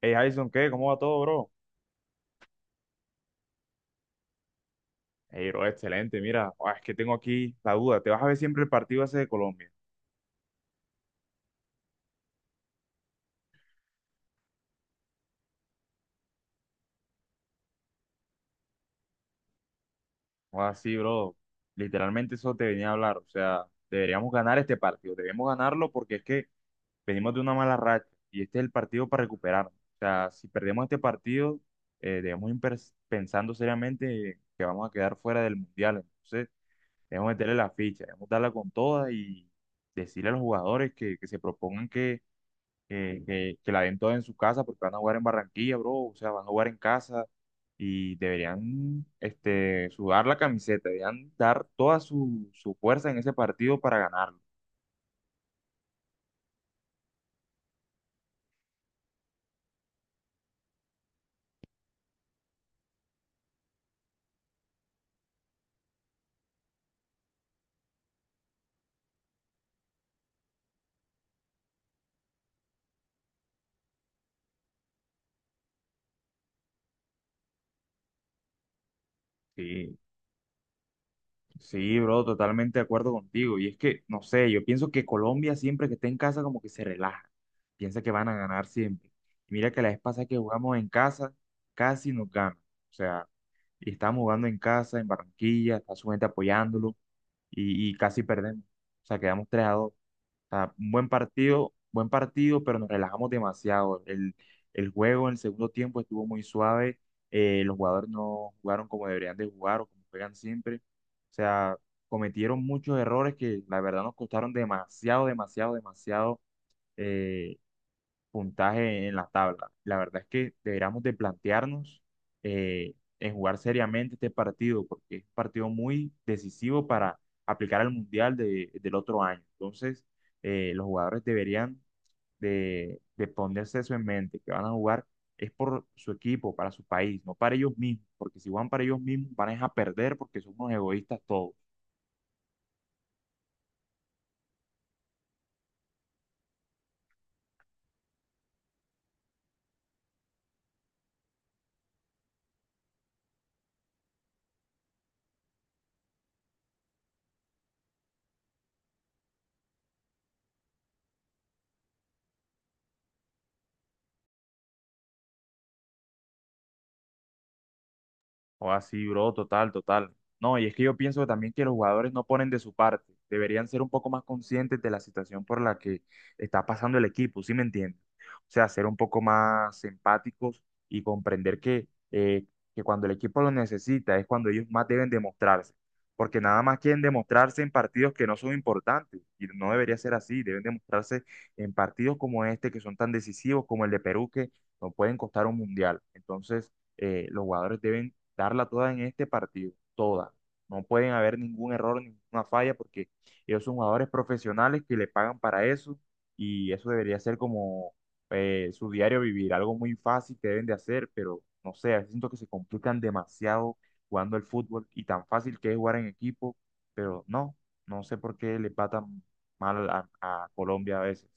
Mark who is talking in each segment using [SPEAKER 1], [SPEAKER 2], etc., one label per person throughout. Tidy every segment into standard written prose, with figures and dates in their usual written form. [SPEAKER 1] Hey, Jason, ¿qué? ¿Cómo va todo, bro? Hey, bro, excelente. Mira, es que tengo aquí la duda. ¿Te vas a ver siempre el partido ese de Colombia? Ah, sí, bro. Literalmente eso te venía a hablar. O sea, deberíamos ganar este partido. Debemos ganarlo porque es que venimos de una mala racha y este es el partido para recuperarnos. O sea, si perdemos este partido, debemos ir pensando seriamente que vamos a quedar fuera del Mundial. Entonces, debemos meterle la ficha, debemos darla con toda y decirle a los jugadores que, se propongan que, que la den toda en su casa porque van a jugar en Barranquilla, bro, o sea, van a jugar en casa y deberían este, sudar la camiseta, deberían dar toda su, su fuerza en ese partido para ganarlo. Sí, sí, bro, totalmente de acuerdo contigo. Y es que, no sé, yo pienso que Colombia siempre que está en casa como que se relaja, piensa que van a ganar siempre. Y mira que la vez pasada que jugamos en casa, casi nos ganan. O sea, y estamos jugando en casa, en Barranquilla, está su gente apoyándolo y, casi perdemos. O sea, quedamos 3 a 2. O sea, un buen partido, pero nos relajamos demasiado. El juego en el segundo tiempo estuvo muy suave. Eh, los jugadores no jugaron como deberían de jugar o como juegan siempre. O sea, cometieron muchos errores que la verdad nos costaron demasiado, demasiado, demasiado eh, puntaje en la tabla. La verdad es que deberíamos de plantearnos en jugar seriamente este partido, porque es un partido muy decisivo para aplicar al Mundial del otro año. Entonces, los jugadores deberían de, ponerse eso en mente, que van a jugar es por su equipo, para su país, no para ellos mismos, porque si van para ellos mismos van a dejar perder porque son unos egoístas todos. O así, bro, total, total. No, y es que yo pienso también que los jugadores no ponen de su parte. Deberían ser un poco más conscientes de la situación por la que está pasando el equipo, ¿sí me entiendes? O sea, ser un poco más empáticos y comprender que cuando el equipo lo necesita es cuando ellos más deben demostrarse. Porque nada más quieren demostrarse en partidos que no son importantes. Y no debería ser así. Deben demostrarse en partidos como este, que son tan decisivos como el de Perú, que no pueden costar un mundial. Entonces los jugadores deben darla toda en este partido, toda. No pueden haber ningún error, ninguna falla, porque ellos son jugadores profesionales que le pagan para eso y eso debería ser como su diario vivir, algo muy fácil que deben de hacer, pero no sé, a veces siento que se complican demasiado jugando el fútbol y tan fácil que es jugar en equipo, pero no, no sé por qué le patan mal a, Colombia a veces.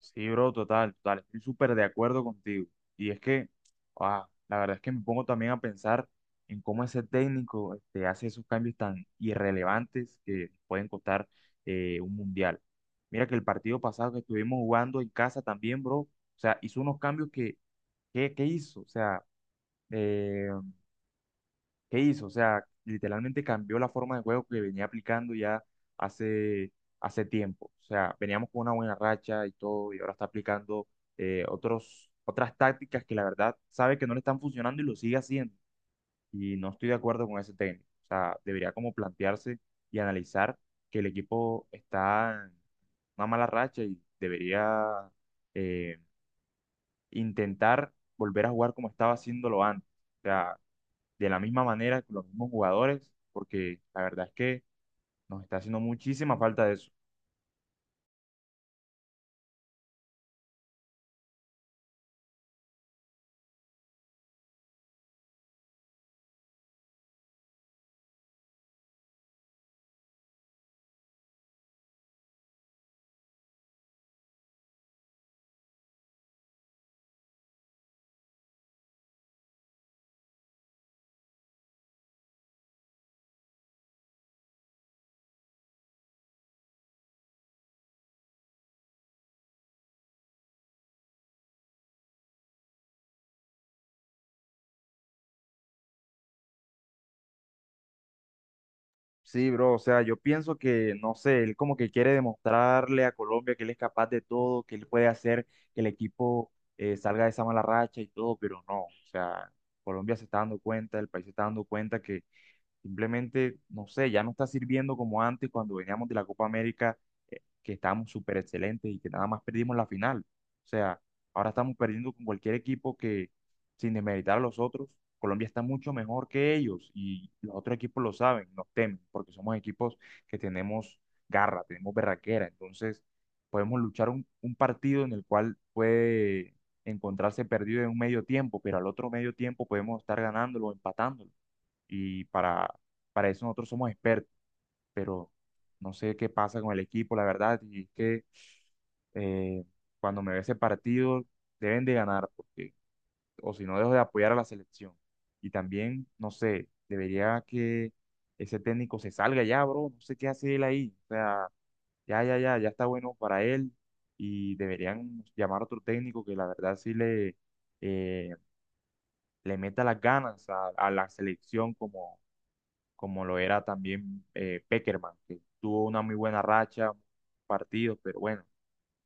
[SPEAKER 1] Sí, bro, total, total. Estoy súper de acuerdo contigo. Y es que, la verdad es que me pongo también a pensar en cómo ese técnico este, hace esos cambios tan irrelevantes que pueden costar un mundial. Mira que el partido pasado que estuvimos jugando en casa también, bro, o sea, hizo unos cambios que, ¿qué, qué hizo? O sea, eh, ¿qué hizo? O sea, literalmente cambió la forma de juego que venía aplicando ya hace, tiempo. O sea, veníamos con una buena racha y todo, y ahora está aplicando otros, otras tácticas que la verdad sabe que no le están funcionando y lo sigue haciendo. Y no estoy de acuerdo con ese técnico. O sea, debería como plantearse y analizar que el equipo está en una mala racha y debería eh, intentar volver a jugar como estaba haciéndolo antes. O sea, de la misma manera con los mismos jugadores, porque la verdad es que nos está haciendo muchísima falta eso. Sí, bro, o sea, yo pienso que, no sé, él como que quiere demostrarle a Colombia que él es capaz de todo, que él puede hacer que el equipo salga de esa mala racha y todo, pero no, o sea, Colombia se está dando cuenta, el país se está dando cuenta que simplemente, no sé, ya no está sirviendo como antes cuando veníamos de la Copa América, que estábamos súper excelentes y que nada más perdimos la final. O sea, ahora estamos perdiendo con cualquier equipo que, sin desmeritar a los otros, Colombia está mucho mejor que ellos y los otros equipos lo saben, nos temen, porque somos equipos que tenemos garra, tenemos berraquera. Entonces, podemos luchar un, partido en el cual puede encontrarse perdido en un medio tiempo, pero al otro medio tiempo podemos estar ganándolo o empatándolo y para, eso nosotros somos expertos, pero no sé qué pasa con el equipo, la verdad, y es que eh, cuando me ve ese partido deben de ganar, porque, o si no dejo de apoyar a la selección. Y también, no sé, debería que ese técnico se salga ya, bro, no sé qué hace él ahí, o sea, ya, ya, ya, ya está bueno para él y deberían llamar a otro técnico que la verdad sí le, eh, le meta las ganas a, la selección como como lo era también Pekerman, que tuvo una muy buena racha, partidos, pero bueno,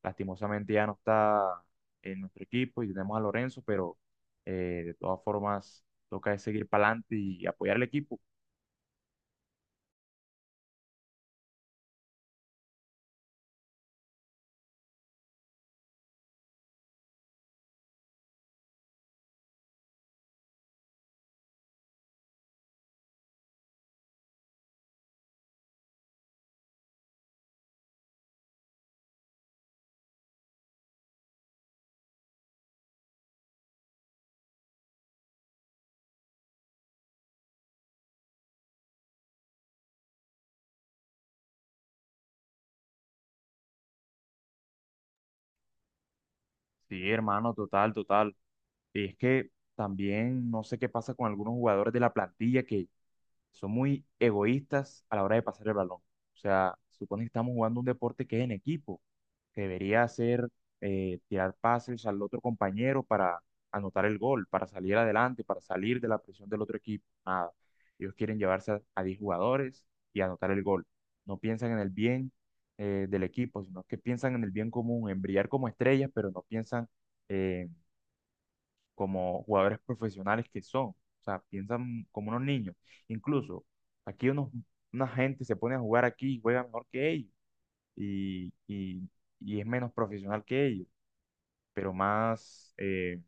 [SPEAKER 1] lastimosamente ya no está en nuestro equipo y tenemos a Lorenzo, pero de todas formas toca es seguir para adelante y apoyar al equipo. Sí, hermano, total, total. Y es que también no sé qué pasa con algunos jugadores de la plantilla que son muy egoístas a la hora de pasar el balón. O sea, supone que estamos jugando un deporte que es en equipo. Debería hacer tirar pases al otro compañero para anotar el gol, para salir adelante, para salir de la presión del otro equipo. Nada. Ellos quieren llevarse a, 10 jugadores y anotar el gol. No piensan en el bien del equipo, sino que piensan en el bien común, en brillar como estrellas, pero no piensan eh, como jugadores profesionales que son. O sea, piensan como unos niños. Incluso aquí unos, una gente se pone a jugar aquí y juega mejor que ellos y, y es menos profesional que ellos, pero más,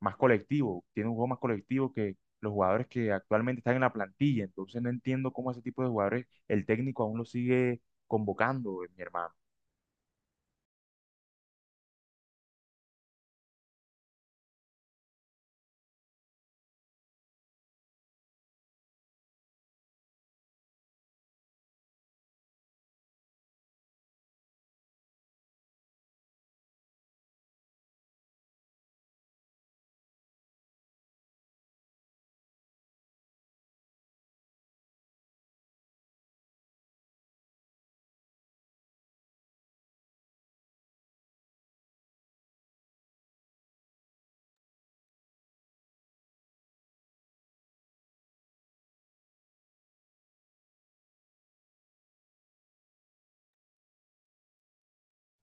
[SPEAKER 1] más colectivo, tiene un juego más colectivo que los jugadores que actualmente están en la plantilla, entonces no entiendo cómo ese tipo de jugadores el técnico aún lo sigue convocando, mi hermano.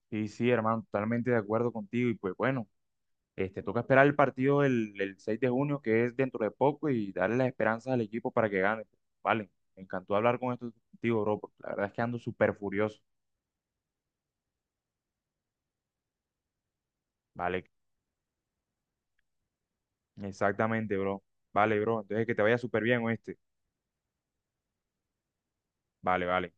[SPEAKER 1] Sí, sí, hermano, totalmente de acuerdo contigo y pues bueno, este, toca esperar el partido el 6 de junio, que es dentro de poco, y darle las esperanzas al equipo para que gane. Pues, vale, me encantó hablar con esto contigo, bro, porque la verdad es que ando súper furioso. Vale, exactamente, bro. Vale, bro. Entonces que te vaya súper bien, ¿oíste? Vale, vale.